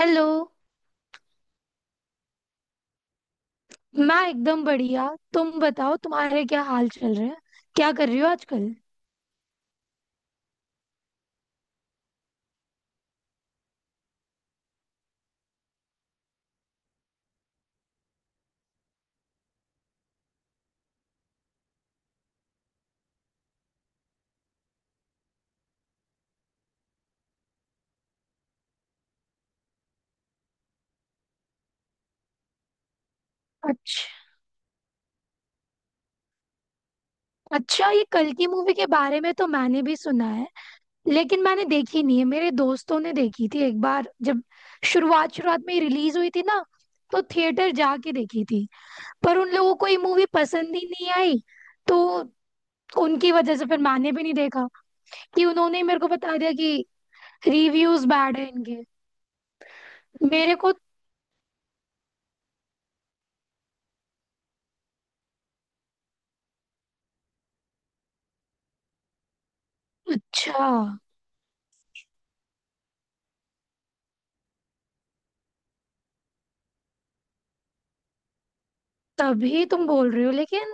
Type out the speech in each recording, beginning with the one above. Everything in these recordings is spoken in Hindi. हेलो। मैं एकदम बढ़िया। तुम बताओ, तुम्हारे क्या हाल चल रहे हैं? क्या कर रही हो आजकल? अच्छा। अच्छा, ये कल की मूवी के बारे में तो मैंने भी सुना है, लेकिन मैंने देखी नहीं है। मेरे दोस्तों ने देखी थी एक बार, जब शुरुआत शुरुआत में रिलीज हुई थी ना, तो थिएटर जाके देखी थी। पर उन लोगों को ये मूवी पसंद ही नहीं आई, तो उनकी वजह से फिर मैंने भी नहीं देखा। कि उन्होंने मेरे को बता दिया कि रिव्यूज बैड है इनके। मेरे को अच्छा। तभी तुम बोल रहे हो, लेकिन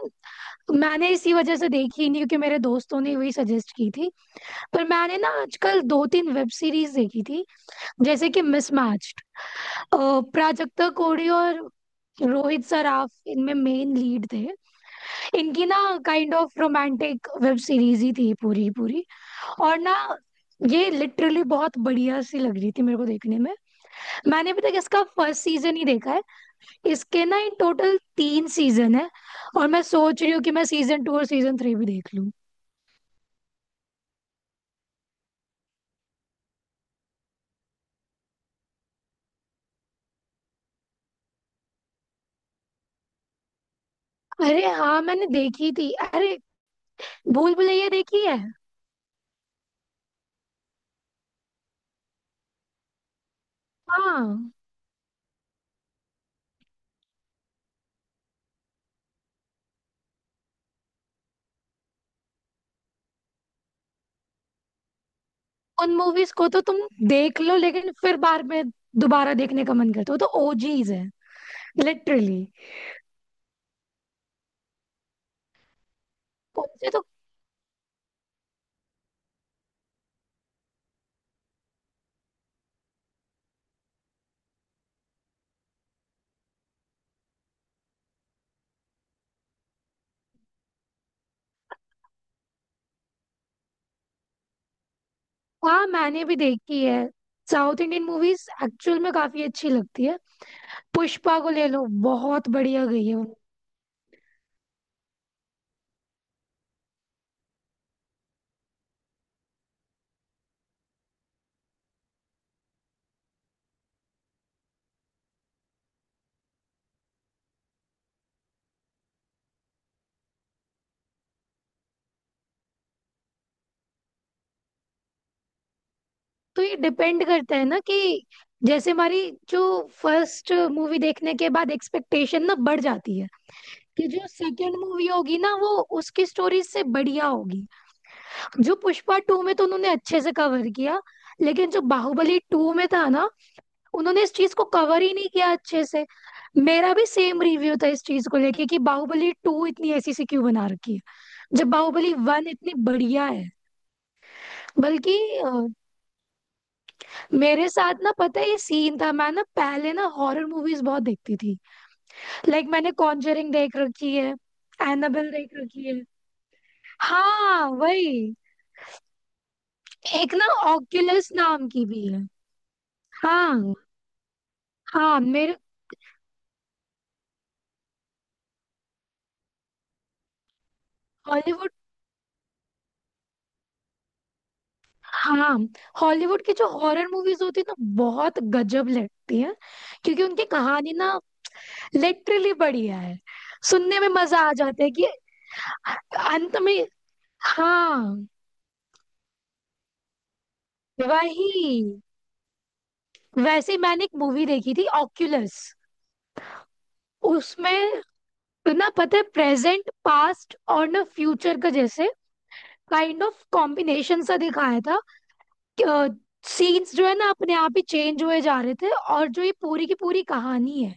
मैंने इसी वजह से देखी ही नहीं, क्योंकि मेरे दोस्तों ने वही सजेस्ट की थी। पर मैंने ना आजकल दो तीन वेब सीरीज देखी थी, जैसे कि मिसमैच्ड। प्राजक्ता कोड़ी और रोहित सराफ इनमें मेन लीड थे। इनकी ना kind of romantic web series ही थी पूरी की पूरी। और ना ये लिटरली बहुत बढ़िया सी लग रही थी मेरे को देखने में। मैंने अभी तक इसका फर्स्ट सीजन ही देखा है। इसके ना इन टोटल तीन सीजन है, और मैं सोच रही हूँ कि मैं सीजन टू और सीजन थ्री भी देख लूँ। अरे हाँ, मैंने देखी थी। अरे, भूल भुलैया देखी है। हाँ। उन मूवीज को तो तुम देख लो, लेकिन फिर बाद में दोबारा देखने का मन करता हो तो ओजीज है लिटरली। उनसे तो हाँ, मैंने भी देखी है। साउथ इंडियन मूवीज एक्चुअल में काफी अच्छी लगती है। पुष्पा को ले लो, बहुत बढ़िया गई है वो। तो ये डिपेंड करता है ना कि जैसे हमारी जो फर्स्ट मूवी देखने के बाद एक्सपेक्टेशन ना बढ़ जाती है कि जो सेकंड मूवी होगी ना, वो उसकी स्टोरी से बढ़िया होगी। जो पुष्पा टू में तो उन्होंने अच्छे से कवर किया, लेकिन जो बाहुबली टू में था ना, उन्होंने इस चीज को कवर ही नहीं किया अच्छे से। मेरा भी सेम रिव्यू था इस चीज को लेके कि बाहुबली टू इतनी ऐसी सी क्यों बना रखी है, जब बाहुबली वन इतनी बढ़िया है। बल्कि मेरे साथ ना पता है ये सीन था, मैं ना पहले ना हॉरर मूवीज बहुत देखती थी। लाइक मैंने कॉन्जरिंग देख रखी है, एनाबेल देख रखी है। हाँ वही। एक ना ऑक्यूलस नाम की भी है। हाँ। हाँ मेरे हॉलीवुड। हाँ, हॉलीवुड की जो हॉरर मूवीज होती है ना, बहुत गजब लगती है, क्योंकि उनकी कहानी ना लिटरली बढ़िया है। सुनने में मजा आ जाता है कि अंत में। हाँ वही। वैसे ही मैंने एक मूवी देखी थी ऑक्यूलस। उसमें ना पता है प्रेजेंट पास्ट और ना फ्यूचर का जैसे काइंड ऑफ कॉम्बिनेशन सा दिखाया था। सीन्स जो है ना, अपने आप ही चेंज हुए जा रहे थे, और जो ये पूरी की पूरी कहानी है,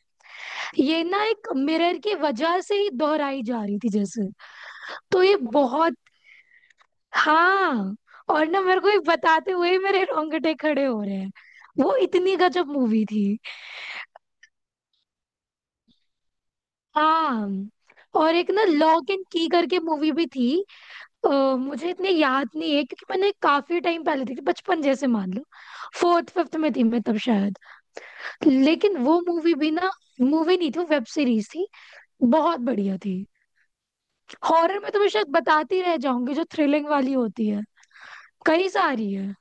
ये ना एक मिरर की वजह से ही दोहराई जा रही थी जैसे। तो ये बहुत। हाँ, और ना मेरे को ये बताते हुए ही मेरे रोंगटे खड़े हो रहे हैं। वो इतनी गजब मूवी थी। हाँ, और एक ना लॉक एंड की करके मूवी भी थी। अ, मुझे इतनी याद नहीं है, क्योंकि मैंने काफी टाइम पहले देखी, बचपन जैसे मान लो, फोर्थ फिफ्थ में थी मैं तब शायद। लेकिन वो मूवी भी ना, मूवी नहीं थी, वेब सीरीज थी, बहुत बढ़िया थी। हॉरर में तो मैं शायद बताती रह जाऊंगी। जो थ्रिलिंग वाली होती है, कई सारी है।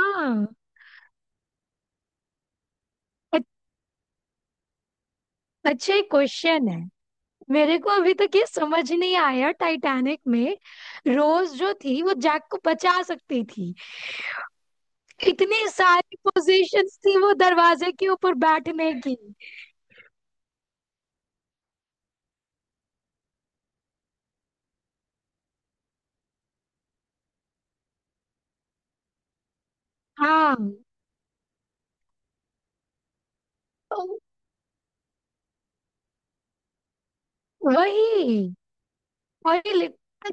हाँ। अ- अच्छा, एक क्वेश्चन है। मेरे को अभी तक ये समझ नहीं आया, टाइटैनिक में रोज जो थी, वो जैक को बचा सकती थी। इतनी सारी पोजीशंस थी वो दरवाजे के ऊपर बैठने की। हाँ। तो वही, वही।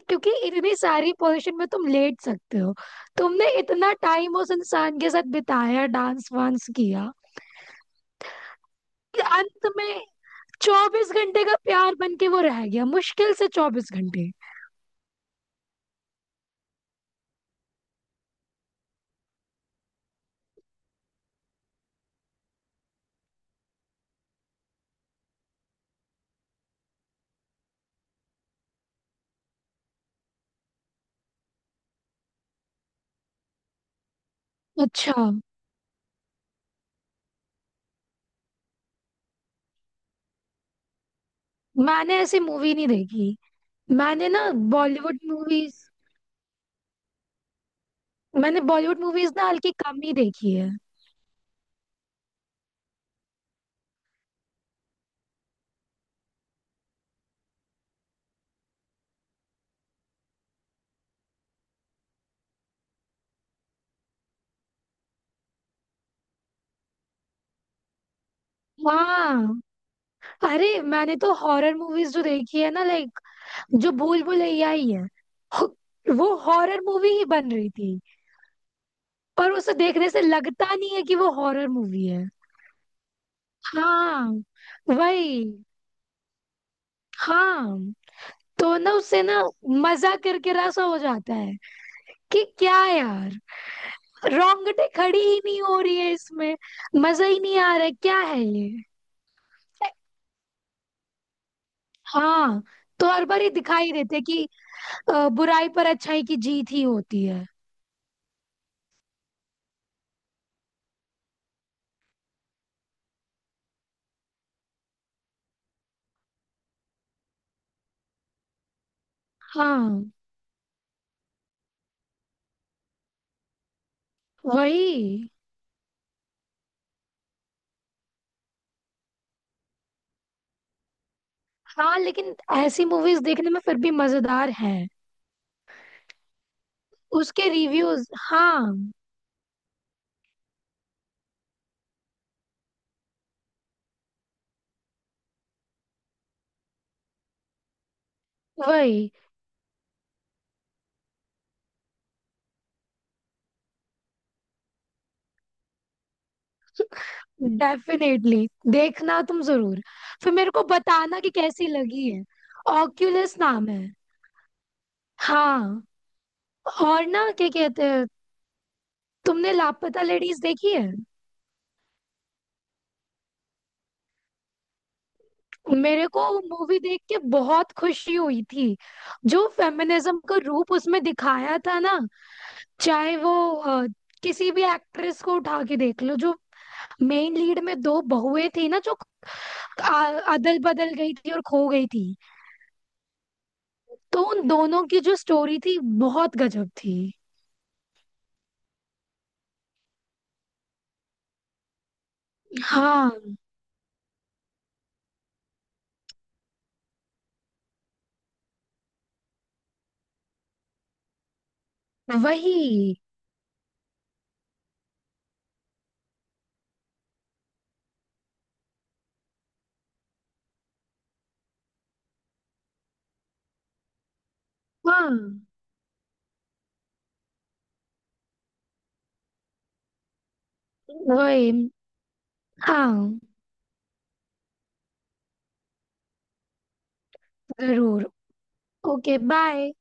क्योंकि इतनी सारी पोजीशन में तुम लेट सकते हो। तुमने इतना टाइम उस इंसान के साथ बिताया, डांस वांस किया, कि अंत में 24 घंटे का प्यार बन के वो रह गया, मुश्किल से 24 घंटे। अच्छा। मैंने ऐसी मूवी नहीं देखी। मैंने ना बॉलीवुड मूवीज, मैंने बॉलीवुड मूवीज ना हल्की कम ही देखी है। हाँ। अरे, मैंने तो हॉरर मूवीज जो देखी है ना, लाइक जो भूल भुलैया ही है, हो- वो हॉरर मूवी ही बन रही थी, पर उसे देखने से लगता नहीं है कि वो हॉरर मूवी है। हाँ वही। हाँ, तो ना उससे ना मजा करके रसा हो जाता है कि क्या यार, रोंगटे खड़ी ही नहीं हो रही है इसमें, मजा ही नहीं आ रहा है, क्या है ये। हाँ, तो हर बार ये दिखाई देते कि बुराई पर अच्छाई की जीत ही होती है। हाँ वही। हाँ, लेकिन ऐसी मूवीज देखने में फिर भी मजेदार हैं। उसके रिव्यूज हाँ वही। डेफिनेटली देखना तुम जरूर। फिर मेरे को बताना कि कैसी लगी है। ऑक्यूलस नाम है। हाँ। और ना, क्या कहते हैं, तुमने लापता लेडीज देखी है? मेरे को मूवी देख के बहुत खुशी हुई थी, जो फेमिनिज्म का रूप उसमें दिखाया था ना। चाहे वो किसी भी एक्ट्रेस को उठा के देख लो, जो मेन लीड में दो बहुएं थी ना, जो अदल बदल गई थी और खो गई थी, तो उन दोनों की जो स्टोरी थी, बहुत गजब थी। हाँ वही। हाँ वही। हाँ, जरूर। Okay bye.